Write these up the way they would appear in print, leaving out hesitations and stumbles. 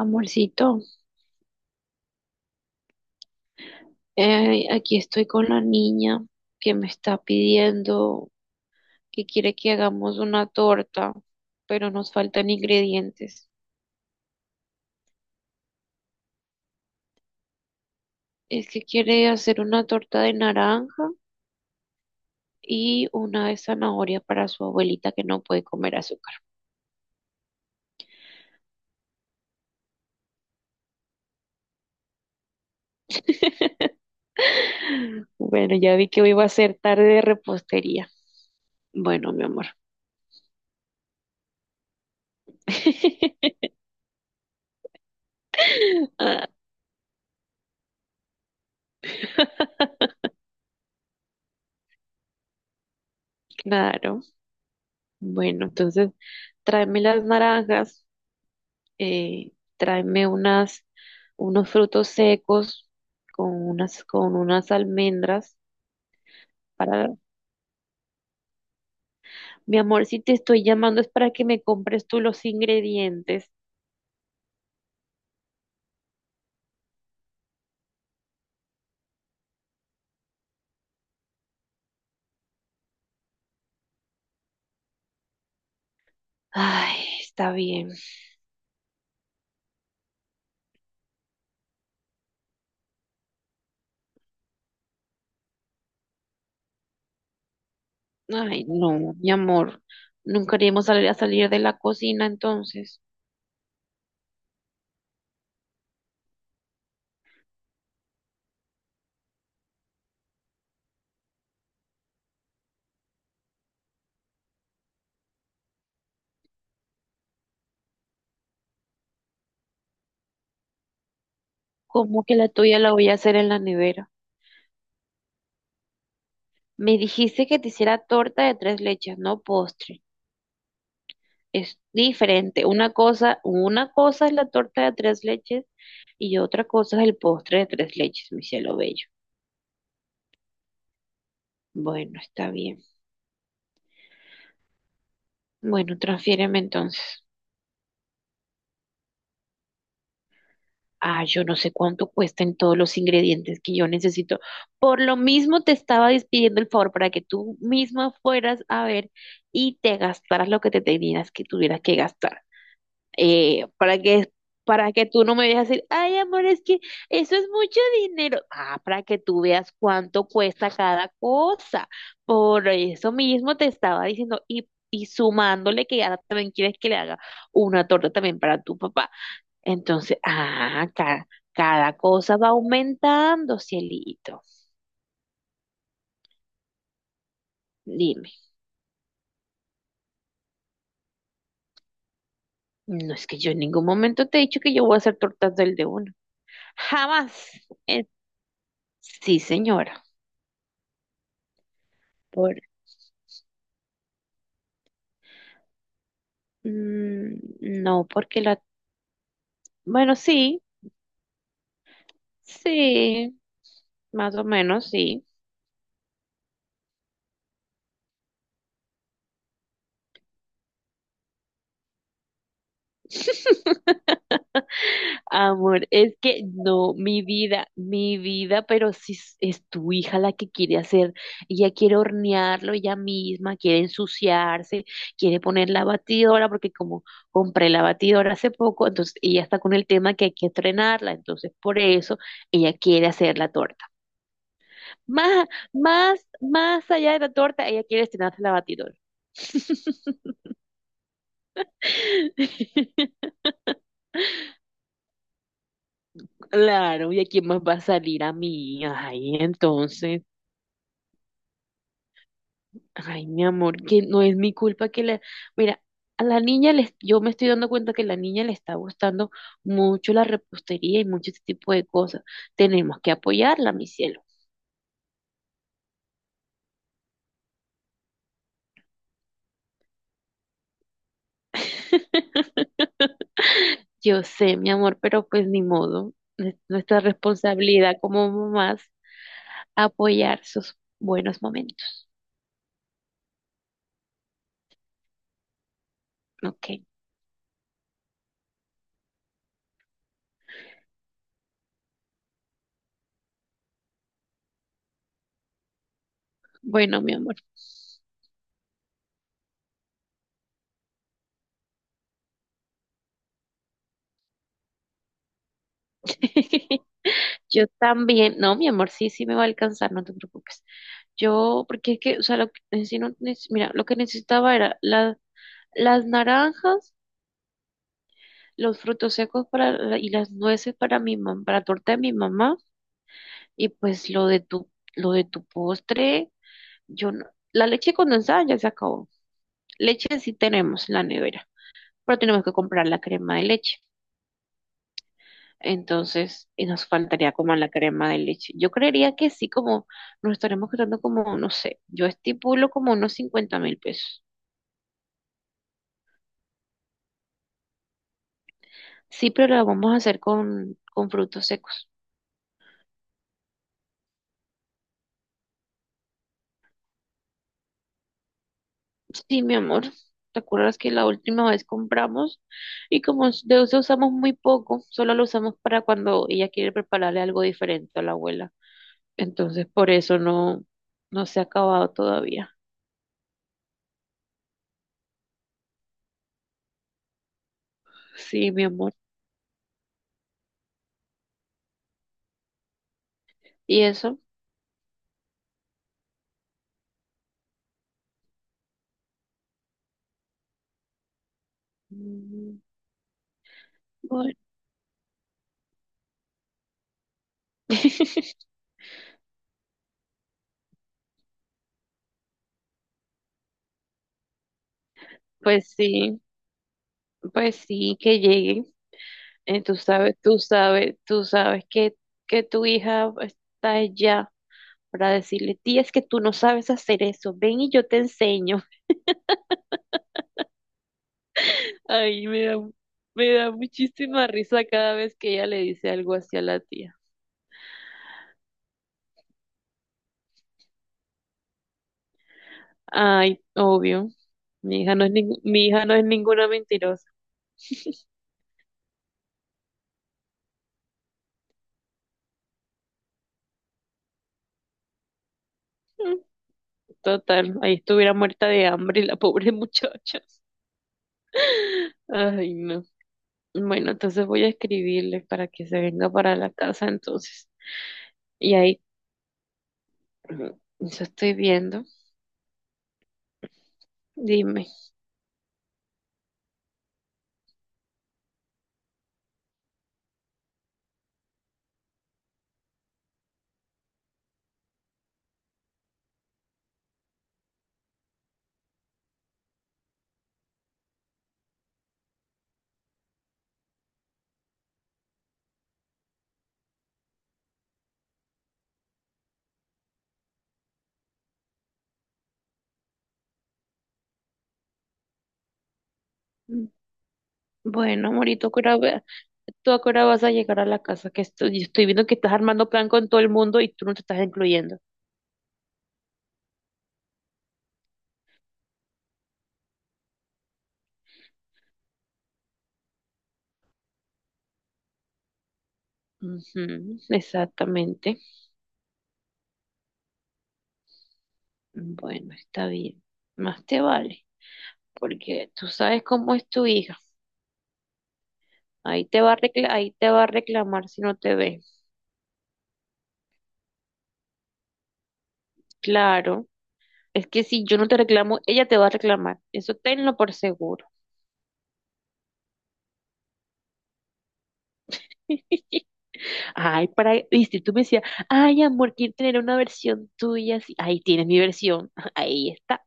Amorcito, aquí estoy con la niña que me está pidiendo que quiere que hagamos una torta, pero nos faltan ingredientes. Es que quiere hacer una torta de naranja y una de zanahoria para su abuelita que no puede comer azúcar. Bueno, ya vi que hoy va a ser tarde de repostería. Bueno, mi amor. Ah, claro. Bueno, entonces tráeme las naranjas, eh, tráeme unos frutos secos con con unas almendras para... Mi amor, si te estoy llamando es para que me compres tú los ingredientes. Ay, está bien. Ay, no, mi amor, nunca queríamos salir a salir de la cocina entonces. ¿Cómo que la tuya la voy a hacer en la nevera? Me dijiste que te hiciera torta de tres leches, no postre. Es diferente. Una cosa es la torta de tres leches y otra cosa es el postre de tres leches, mi cielo bello. Bueno, está bien. Bueno, transfiéreme entonces. Ah, yo no sé cuánto cuestan todos los ingredientes que yo necesito. Por lo mismo te estaba despidiendo el favor para que tú misma fueras a ver y te gastaras lo que te tenías que tuvieras que gastar. eh, para que, para que tú no me vayas a decir, ay, amor, es que eso es mucho dinero. Ah, para que tú veas cuánto cuesta cada cosa. Por eso mismo te estaba diciendo, y sumándole que ahora también quieres que le haga una torta también para tu papá. Entonces, cada cosa va aumentando, cielito. Dime, no es que yo en ningún momento te he dicho que yo voy a hacer tortas del de uno. Jamás. Eh, sí, señora. Por Mm, no, porque la... Bueno, sí, sí, más o menos, sí. Amor, es que no, mi vida, pero si es tu hija la que quiere hacer, ella quiere hornearlo ella misma, quiere ensuciarse, quiere poner la batidora, porque como compré la batidora hace poco, entonces ella está con el tema que hay que estrenarla, entonces por eso ella quiere hacer la torta. Más, más allá de la torta, ella quiere estrenarse la batidora. Claro, ¿y a quién más va a salir a mí? Ay, entonces, ay, mi amor, que no es mi culpa que la... Mira, a la niña les... yo me estoy dando cuenta que la niña le está gustando mucho la repostería y mucho este tipo de cosas. Tenemos que apoyarla, mi cielo. Yo sé, mi amor, pero pues ni modo. Es nuestra responsabilidad como mamás apoyar sus buenos momentos. Ok, bueno, mi amor. Yo también, no, mi amor, sí, sí me va a alcanzar, no te preocupes. Porque es que, o sea, en sí no mira, lo que necesitaba era las naranjas, los frutos secos y las nueces para para la torta de mi mamá, y pues lo de tu postre, yo no, la leche condensada ya se acabó. Leche sí tenemos en la nevera, pero tenemos que comprar la crema de leche. Entonces, y nos faltaría como la crema de leche. Yo creería que sí, como nos estaremos quedando como, no sé, yo estipulo como unos 50.000 pesos. Sí, pero la vamos a hacer con frutos secos. Sí, mi amor, ¿te acuerdas que la última vez compramos y como de eso usamos muy poco, solo lo usamos para cuando ella quiere prepararle algo diferente a la abuela? Entonces, por eso no, no se ha acabado todavía. Sí, mi amor. ¿Y eso? Mm. Bueno. Pues sí, pues sí, que llegue. Tú sabes que tu hija está allá para decirle, tía, es que tú no sabes hacer eso, ven y yo te enseño. Ay, me da, me da muchísima risa cada vez que ella le dice algo así a la tía. Ay, obvio, mi hija no es ninguna mentirosa. Mm. Total, ahí estuviera muerta de hambre la pobre muchacha. Ay, no. Bueno, entonces voy a escribirle para que se venga para la casa entonces. Y ahí eso estoy viendo. Dime. Bueno, amorito, ¿a qué hora va- ¿tú a qué hora vas a llegar a la casa? Que estoy, yo estoy viendo que estás armando plan con todo el mundo y tú no te estás incluyendo. Ujú, exactamente. Bueno, está bien. Más te vale, porque tú sabes cómo es tu hija. Ahí te va a reclamar si no te ve. Claro. Es que si yo no te reclamo, ella te va a reclamar. Eso tenlo por seguro. Viste tú me decías, ay, amor, quiero tener una versión tuya. Así". Ahí tienes mi versión. Ahí está.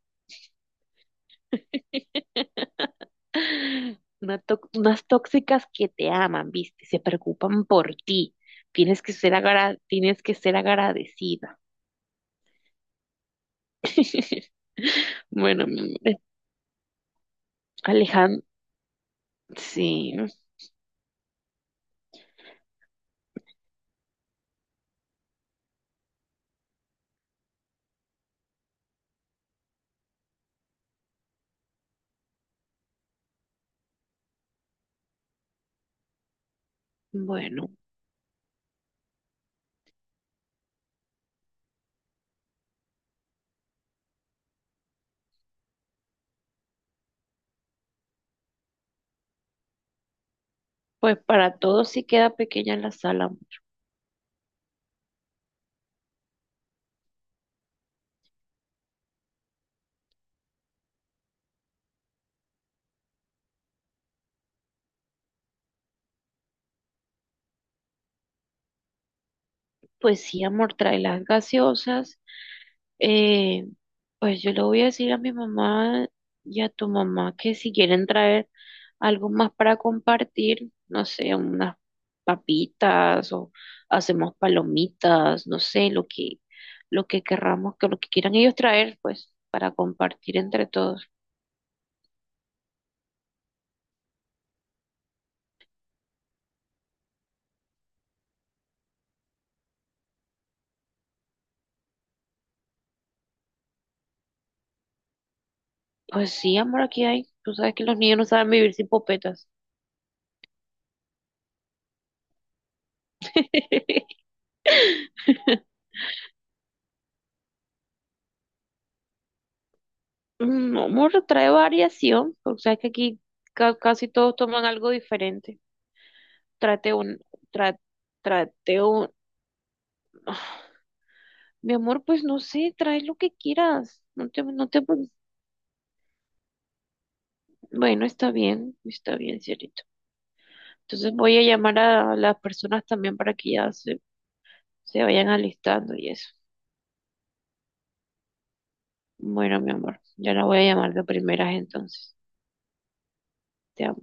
Unas tóxicas que te aman, ¿viste? Se preocupan por ti. Tienes que ser agradecida. Bueno, mi amor, Alejandro, sí. Bueno, pues para todos sí queda pequeña la sala. Pues sí, amor, trae las gaseosas. Eh, pues yo le voy a decir a mi mamá y a tu mamá que si quieren traer algo más para compartir, no sé, unas papitas o hacemos palomitas, no sé, lo que querramos, que lo que quieran ellos traer, pues, para compartir entre todos. Pues sí, amor, aquí hay. Tú sabes que los niños no saben vivir sin popetas. Mm, amor, trae variación, porque sabes que aquí casi todos toman algo diferente. Trate un, tra- trate un. ah, Mi amor, pues no sé, trae lo que quieras. No te, no te, pre- bueno, está bien, cielito. Entonces voy a llamar a las personas también para que ya se vayan alistando y eso. Bueno, mi amor, ya la voy a llamar de primeras entonces. Te